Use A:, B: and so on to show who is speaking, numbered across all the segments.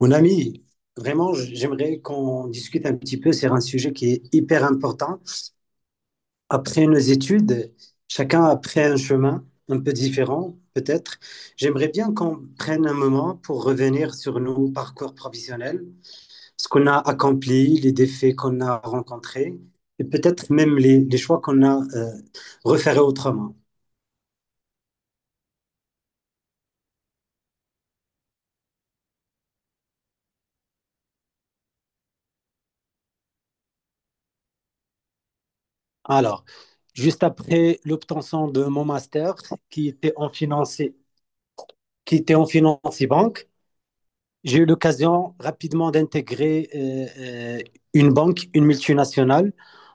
A: Mon ami, vraiment, j'aimerais qu'on discute un petit peu sur un sujet qui est hyper important. Après nos études, chacun a pris un chemin un peu différent, peut-être. J'aimerais bien qu'on prenne un moment pour revenir sur nos parcours professionnels, ce qu'on a accompli, les défis qu'on a rencontrés et peut-être même les choix qu'on a refaits autrement. Alors, juste après l'obtention de mon master qui était en finance, qui était en finance et banque, j'ai eu l'occasion rapidement d'intégrer une banque, une multinationale,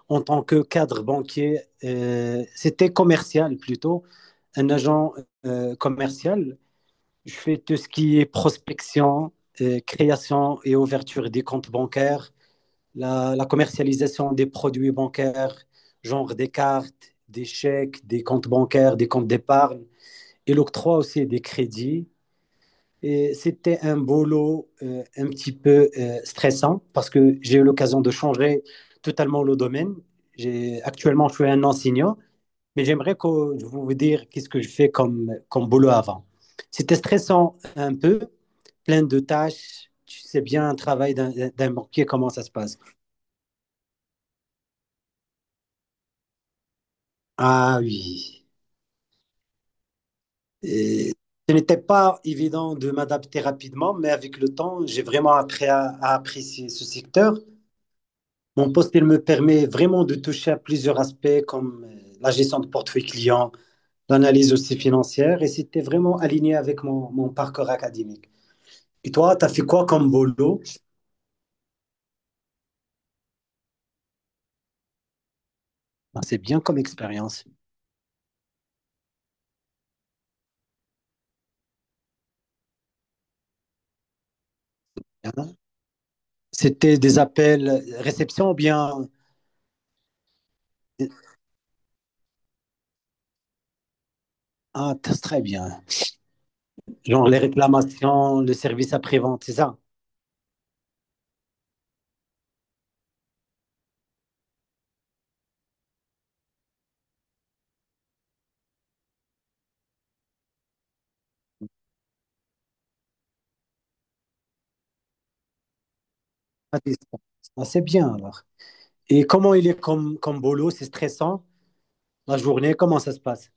A: en tant que cadre banquier. C'était commercial plutôt, un agent commercial. Je fais tout ce qui est prospection, création et ouverture des comptes bancaires, la commercialisation des produits bancaires, genre des cartes, des chèques, des comptes bancaires, des comptes d'épargne, et l'octroi aussi des crédits et c'était un boulot un petit peu stressant parce que j'ai eu l'occasion de changer totalement le domaine. J'ai, actuellement, je suis un enseignant, mais j'aimerais que je vous dire qu'est-ce que je fais comme boulot avant. C'était stressant un peu, plein de tâches. Tu sais bien, un travail d'un banquier, comment ça se passe. Ah oui. Et ce n'était pas évident de m'adapter rapidement, mais avec le temps, j'ai vraiment appris à apprécier ce secteur. Mon poste, il me permet vraiment de toucher à plusieurs aspects comme la gestion de portefeuille client, l'analyse aussi financière, et c'était vraiment aligné avec mon parcours académique. Et toi, tu as fait quoi comme boulot? Ah, c'est bien comme expérience. Hein. C'était des appels, réception ou bien... euh, Ah, très bien. Genre les réclamations, le service après-vente, c'est ça? À distance. Ah, c'est bien alors. Et comment il est comme, comme boulot? C'est stressant la journée? Comment ça se passe?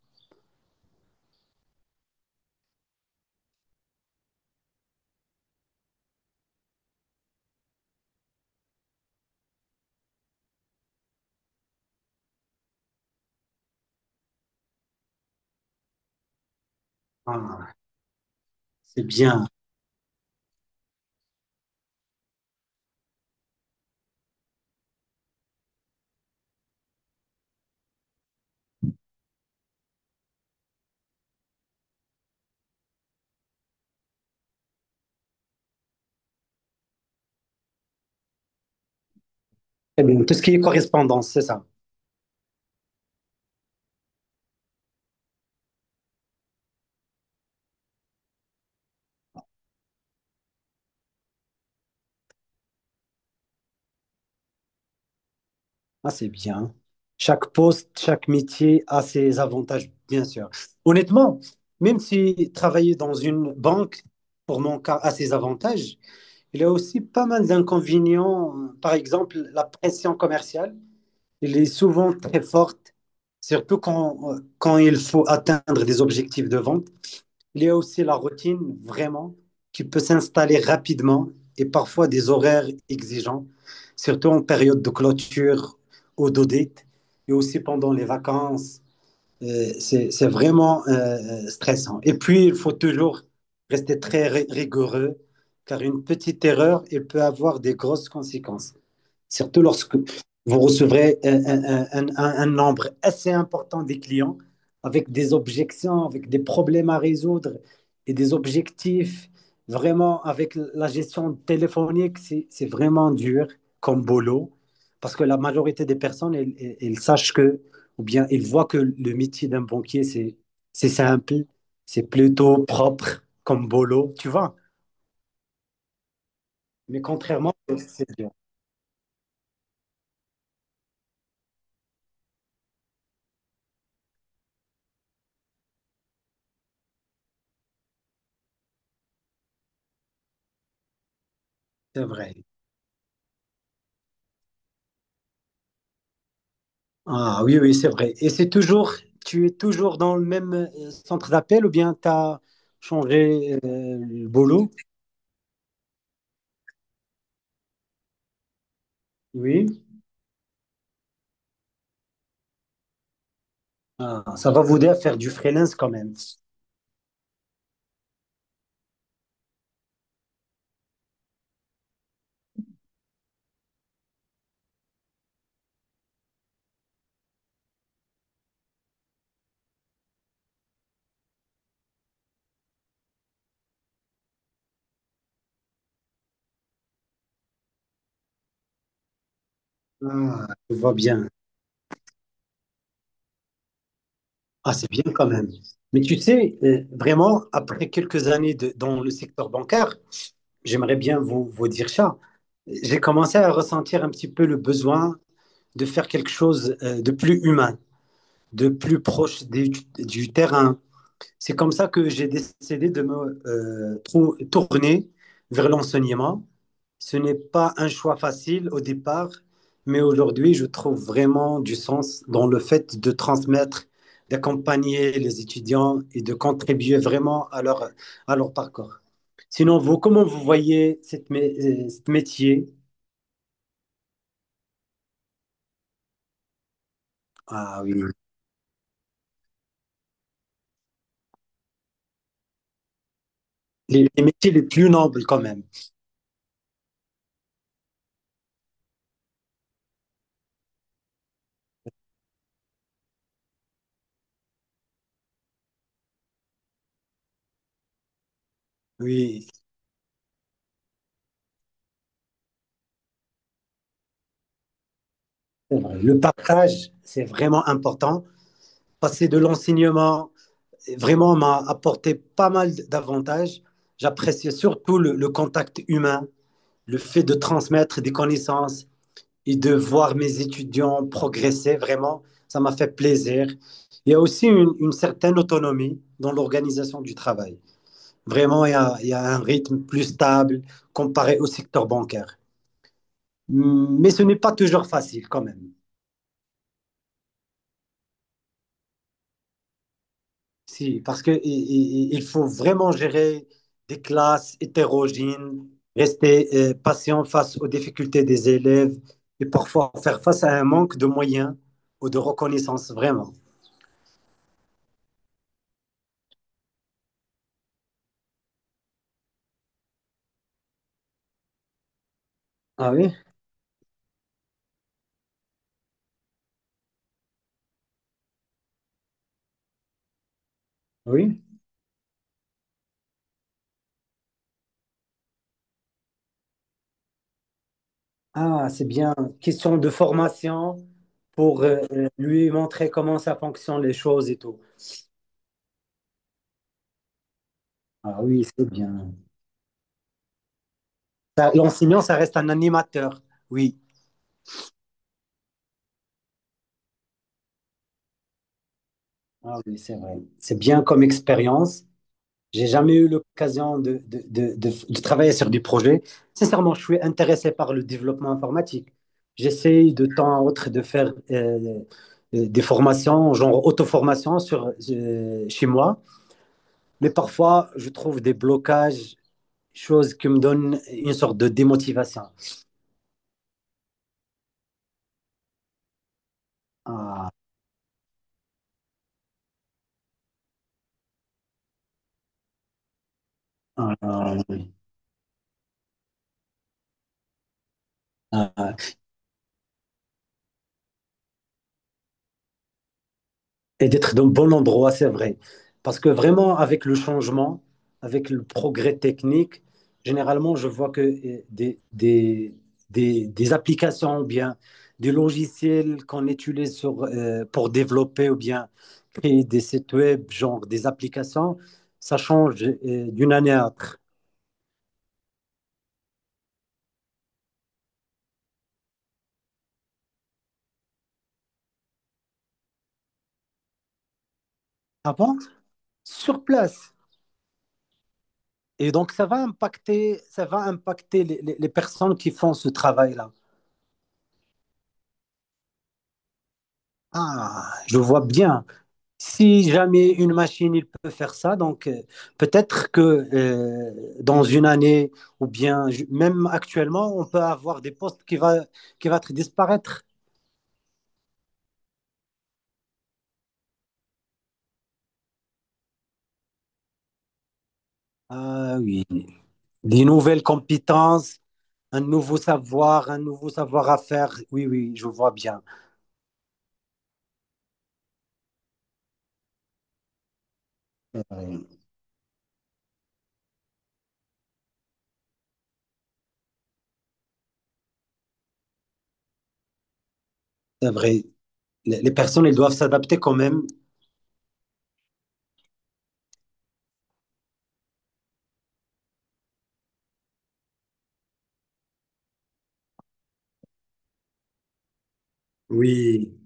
A: Ah, c'est bien. C'est bien. Tout ce qui est correspondance, c'est ça. Ah, c'est bien. Chaque poste, chaque métier a ses avantages, bien sûr. Honnêtement, même si travailler dans une banque, pour mon cas, a ses avantages, il y a aussi pas mal d'inconvénients. Par exemple, la pression commerciale, elle est souvent très forte, surtout quand, quand il faut atteindre des objectifs de vente. Il y a aussi la routine, vraiment, qui peut s'installer rapidement et parfois des horaires exigeants, surtout en période de clôture ou d'audit et aussi pendant les vacances. C'est vraiment stressant. Et puis, il faut toujours rester très rigoureux car une petite erreur, elle peut avoir des grosses conséquences. Surtout lorsque vous recevrez un nombre assez important des clients avec des objections, avec des problèmes à résoudre et des objectifs. Vraiment, avec la gestion téléphonique, c'est vraiment dur comme boulot parce que la majorité des personnes, elles, elles sachent que, ou bien elles voient que le métier d'un banquier, c'est simple, c'est plutôt propre comme boulot, tu vois. Mais contrairement, c'est dur, c'est vrai. Ah oui, oui, c'est vrai. Et c'est toujours, tu es toujours dans le même centre d'appel ou bien tu as changé le boulot? Oui. Ah, ça va vous aider à faire du freelance quand même. Ah, je vois bien. Ah, c'est bien quand même. Mais tu sais, vraiment, après quelques années dans le secteur bancaire, j'aimerais bien vous, vous dire ça. J'ai commencé à ressentir un petit peu le besoin de faire quelque chose de plus humain, de plus proche du terrain. C'est comme ça que j'ai décidé de me tourner vers l'enseignement. Ce n'est pas un choix facile au départ, mais aujourd'hui, je trouve vraiment du sens dans le fait de transmettre, d'accompagner les étudiants et de contribuer vraiment à leur parcours. Sinon, vous, comment vous voyez ce métier? Ah oui, les métiers les plus nobles quand même. Oui, c'est vrai. Le partage, c'est vraiment important. Passer de l'enseignement vraiment m'a apporté pas mal d'avantages. J'appréciais surtout le contact humain, le fait de transmettre des connaissances et de voir mes étudiants progresser, vraiment, ça m'a fait plaisir. Il y a aussi une certaine autonomie dans l'organisation du travail. Vraiment, il y a un rythme plus stable comparé au secteur bancaire. Mais ce n'est pas toujours facile quand même. Si, parce que il faut vraiment gérer des classes hétérogènes, rester patient face aux difficultés des élèves et parfois faire face à un manque de moyens ou de reconnaissance, vraiment. Ah oui, oui. Ah, c'est bien. Question de formation pour lui montrer comment ça fonctionne les choses et tout. Ah oui, c'est bien. Ça, l'enseignant, ça reste un animateur. Oui. Ah oui, c'est vrai. C'est bien comme expérience. J'ai jamais eu l'occasion de travailler sur des projets. Sincèrement, je suis intéressé par le développement informatique. J'essaye de temps à autre de faire des formations, genre auto-formation sur, chez moi. Mais parfois, je trouve des blocages, choses qui me donnent une sorte de démotivation. Ah, ah, ah, oui. Ah. Ah. Et d'être dans le bon endroit, c'est vrai. Parce que vraiment, avec le changement, avec le progrès technique, généralement, je vois que des applications ou bien des logiciels qu'on utilise sur, pour développer ou bien créer des sites web, genre des applications, ça change d'une année à l'autre. Avant, sur place. Et donc, ça va impacter les, les personnes qui font ce travail-là. Ah, je vois bien. Si jamais une machine il peut faire ça, donc peut-être que dans une année ou bien même actuellement, on peut avoir des postes qui va disparaître. Ah oui, des nouvelles compétences, un nouveau savoir à faire. Oui, oui, je vois bien. Euh, C'est vrai. Les personnes, elles doivent s'adapter quand même. Oui.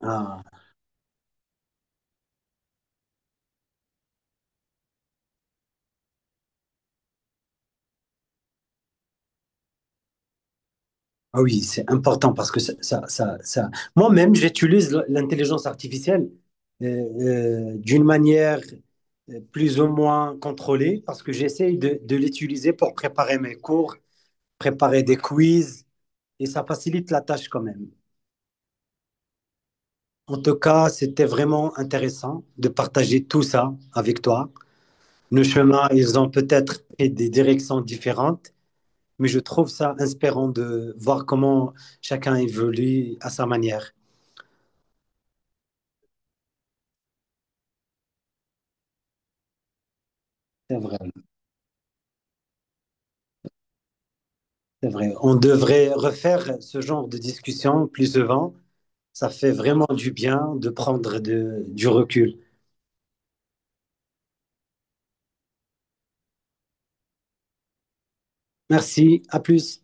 A: Ah. Ah oui, c'est important parce que moi-même, j'utilise l'intelligence artificielle euh, d'une manière plus ou moins contrôlée parce que j'essaye de l'utiliser pour préparer mes cours, préparer des quiz et ça facilite la tâche quand même. En tout cas, c'était vraiment intéressant de partager tout ça avec toi. Nos chemins, ils ont peut-être pris des directions différentes, mais je trouve ça inspirant de voir comment chacun évolue à sa manière. C'est vrai. C'est vrai. On devrait refaire ce genre de discussion plus souvent. Ça fait vraiment du bien de prendre du recul. Merci, à plus.